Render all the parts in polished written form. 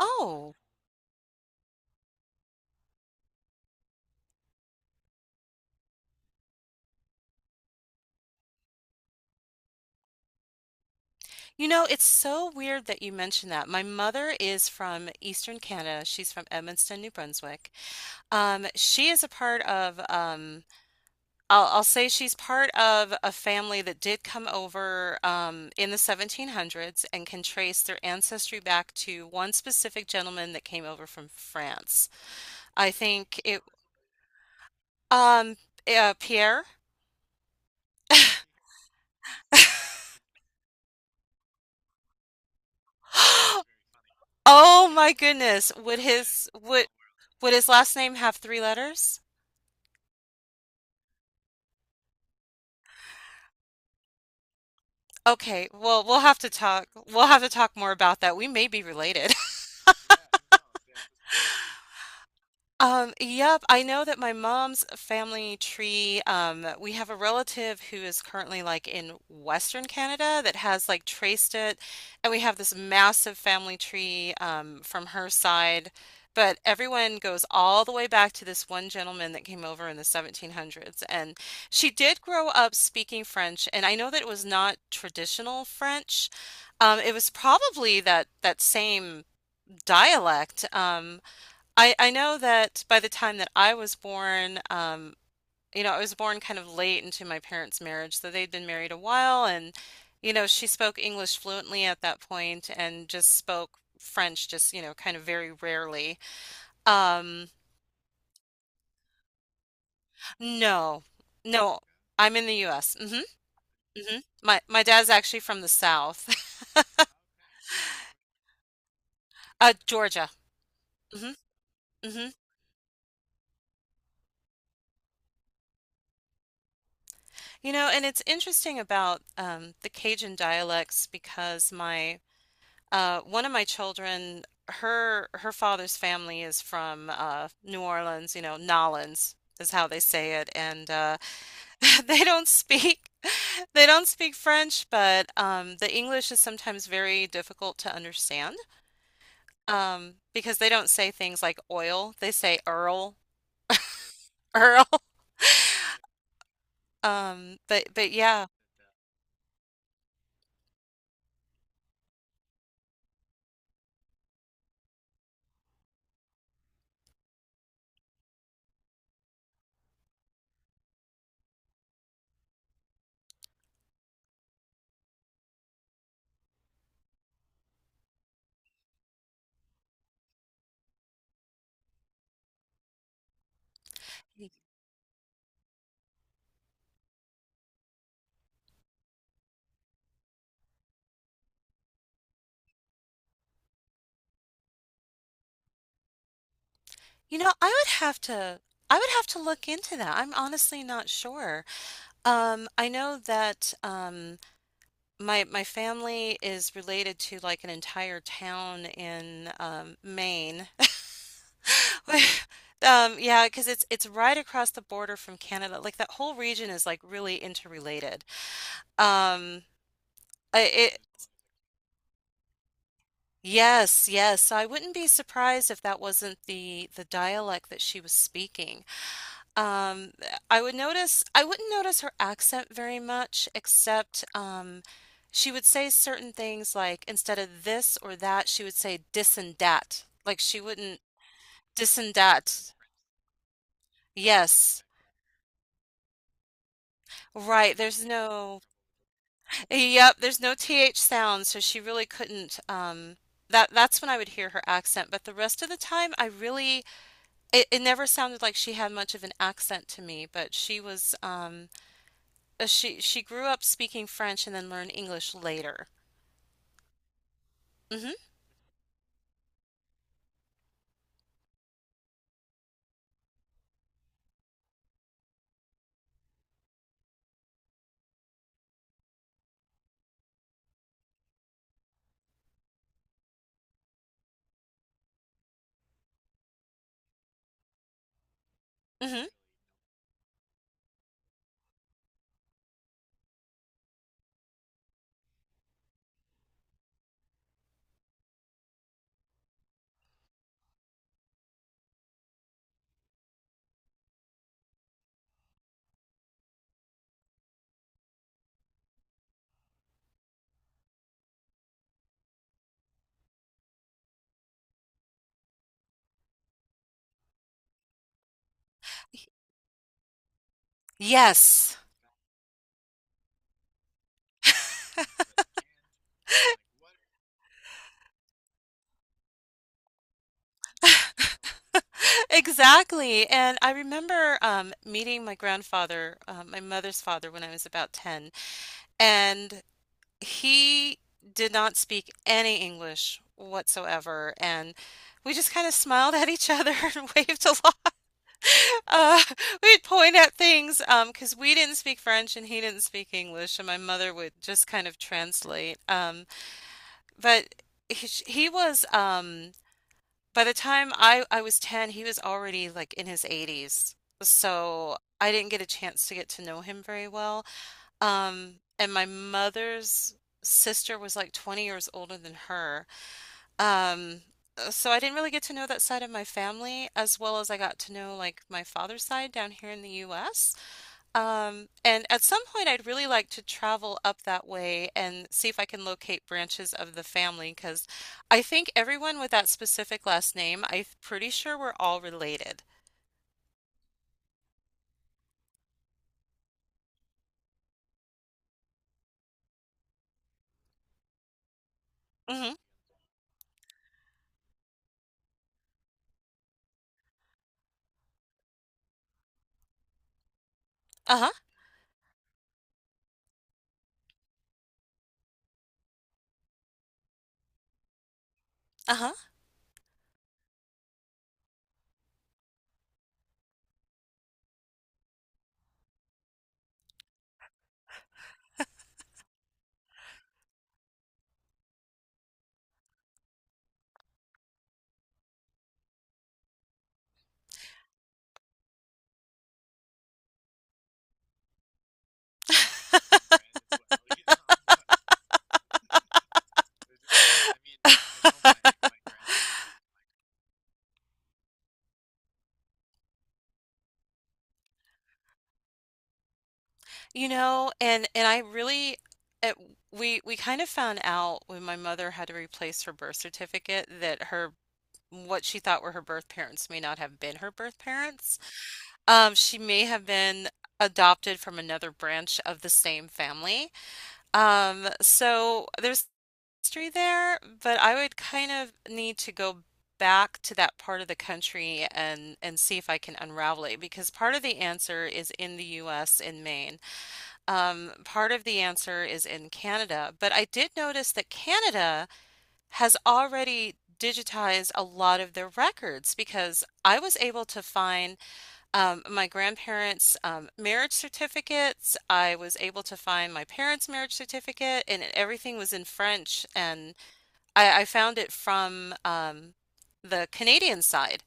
Oh, you know, it's so weird that you mentioned that. My mother is from Eastern Canada. She's from Edmundston, New Brunswick. She is a part of, I'll say she's part of a family that did come over in the 1700s and can trace their ancestry back to one specific gentleman that came over from France. I think it, um, Pierre. Oh my goodness. Would his last name have three letters? Okay, well, we'll have to talk. We'll have to talk more about that. We may be related. Yep, I know that my mom's family tree, we have a relative who is currently like in Western Canada that has like traced it, and we have this massive family tree from her side, but everyone goes all the way back to this one gentleman that came over in the 1700s, and she did grow up speaking French, and I know that it was not traditional French. It was probably that same dialect. I know that by the time that I was born, you know, I was born kind of late into my parents' marriage, so they'd been married a while, and you know, she spoke English fluently at that point and just spoke French just, you know, kind of very rarely. Um, no. No. I'm in the US. Mhm. Mhm. My dad's actually from the South. Georgia. Mhm. Mhm. You know, and it's interesting about the Cajun dialects because my one of my children, her father's family is from New Orleans, you know, Nolans is how they say it, and they don't speak they don't speak French, but the English is sometimes very difficult to understand because they don't say things like oil; they say Earl, Earl. But yeah. You know, I would have to look into that. I'm honestly not sure. I know that. My family is related to like an entire town in Maine. Yeah, because it's right across the border from Canada. Like that whole region is like really interrelated. Um, I- it Yes, yes. So I wouldn't be surprised if that wasn't the dialect that she was speaking. Um, I wouldn't notice her accent very much, except she would say certain things like instead of this or that, she would say dis and dat. Like she wouldn't Dis and dat. Yes, right. There's no, Yep, there's no th sound, so she really couldn't. That's when I would hear her accent, but the rest of the time, it never sounded like she had much of an accent to me. But she was, uh, she grew up speaking French and then learned English later. Hmm. Hmm. Yes. Exactly. And I remember meeting my grandfather, my mother's father, when I was about 10, and he did not speak any English whatsoever. And we just kind of smiled at each other and waved along. Uh, we'd point at things because we didn't speak French and he didn't speak English, and my mother would just kind of translate. But he was by the time I was 10, he was already like in his 80s. So I didn't get a chance to get to know him very well. And my mother's sister was like 20 years older than her. Um, so I didn't really get to know that side of my family as well as I got to know like my father's side down here in the US. And at some point, I'd really like to travel up that way and see if I can locate branches of the family because I think everyone with that specific last name, I'm pretty sure we're all related. Hmm. Uh-huh. Uh-huh. You know, and I really it, We kind of found out when my mother had to replace her birth certificate that her what she thought were her birth parents may not have been her birth parents. She may have been adopted from another branch of the same family. So there's history there, but I would kind of need to go back to that part of the country and see if I can unravel it because part of the answer is in the US in Maine. Part of the answer is in Canada, but I did notice that Canada has already digitized a lot of their records because I was able to find my grandparents' marriage certificates. I was able to find my parents' marriage certificate, and everything was in French. And I found it from the Canadian side.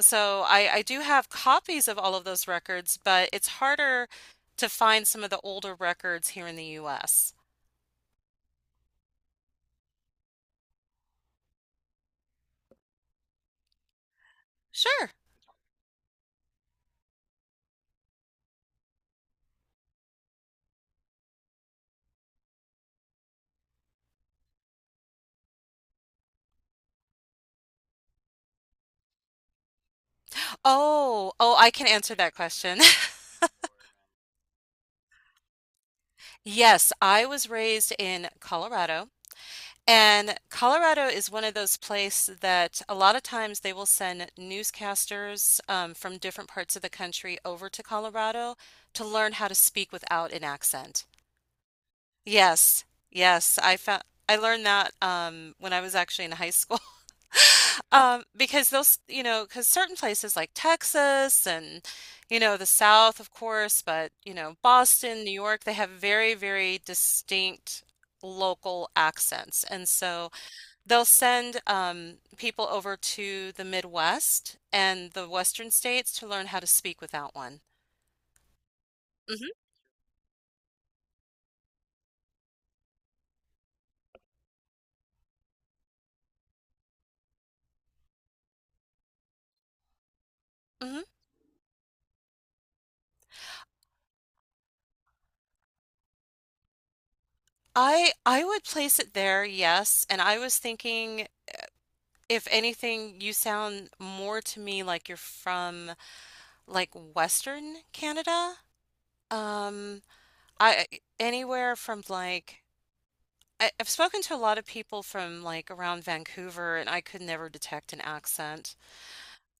So I do have copies of all of those records, but it's harder to find some of the older records here in the US. Sure. Oh, I can answer that question. Yes, I was raised in Colorado. And Colorado is one of those places that a lot of times they will send newscasters from different parts of the country over to Colorado to learn how to speak without an accent. Yes, yes, I learned that when I was actually in high school because those you know because certain places like Texas and you know the South of course, but you know Boston, New York, they have very distinct local accents, and so. They'll send people over to the Midwest and the Western states to learn how to speak without one. Mm-hmm, mm-hmm. I would place it there, yes. And I was thinking, if anything, you sound more to me like you're from like Western Canada. Um, I anywhere from like I've spoken to a lot of people from like around Vancouver, and I could never detect an accent.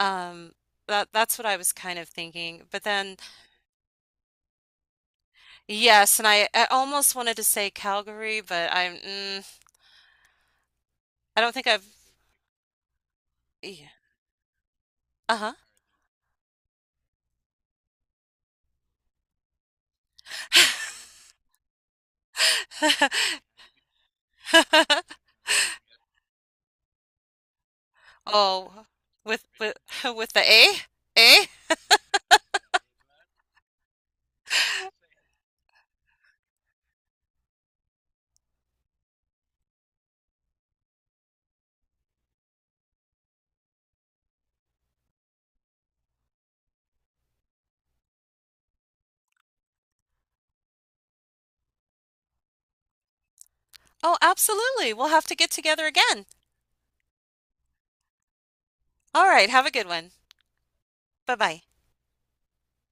Um, that's what I was kind of thinking. But then. Yes, and I almost wanted to say Calgary, but I'm mm, I don't think I've yeah. Uh-huh. Oh, with with the A? A? Oh, absolutely. We'll have to get together again. All right, have a good one. Bye-bye.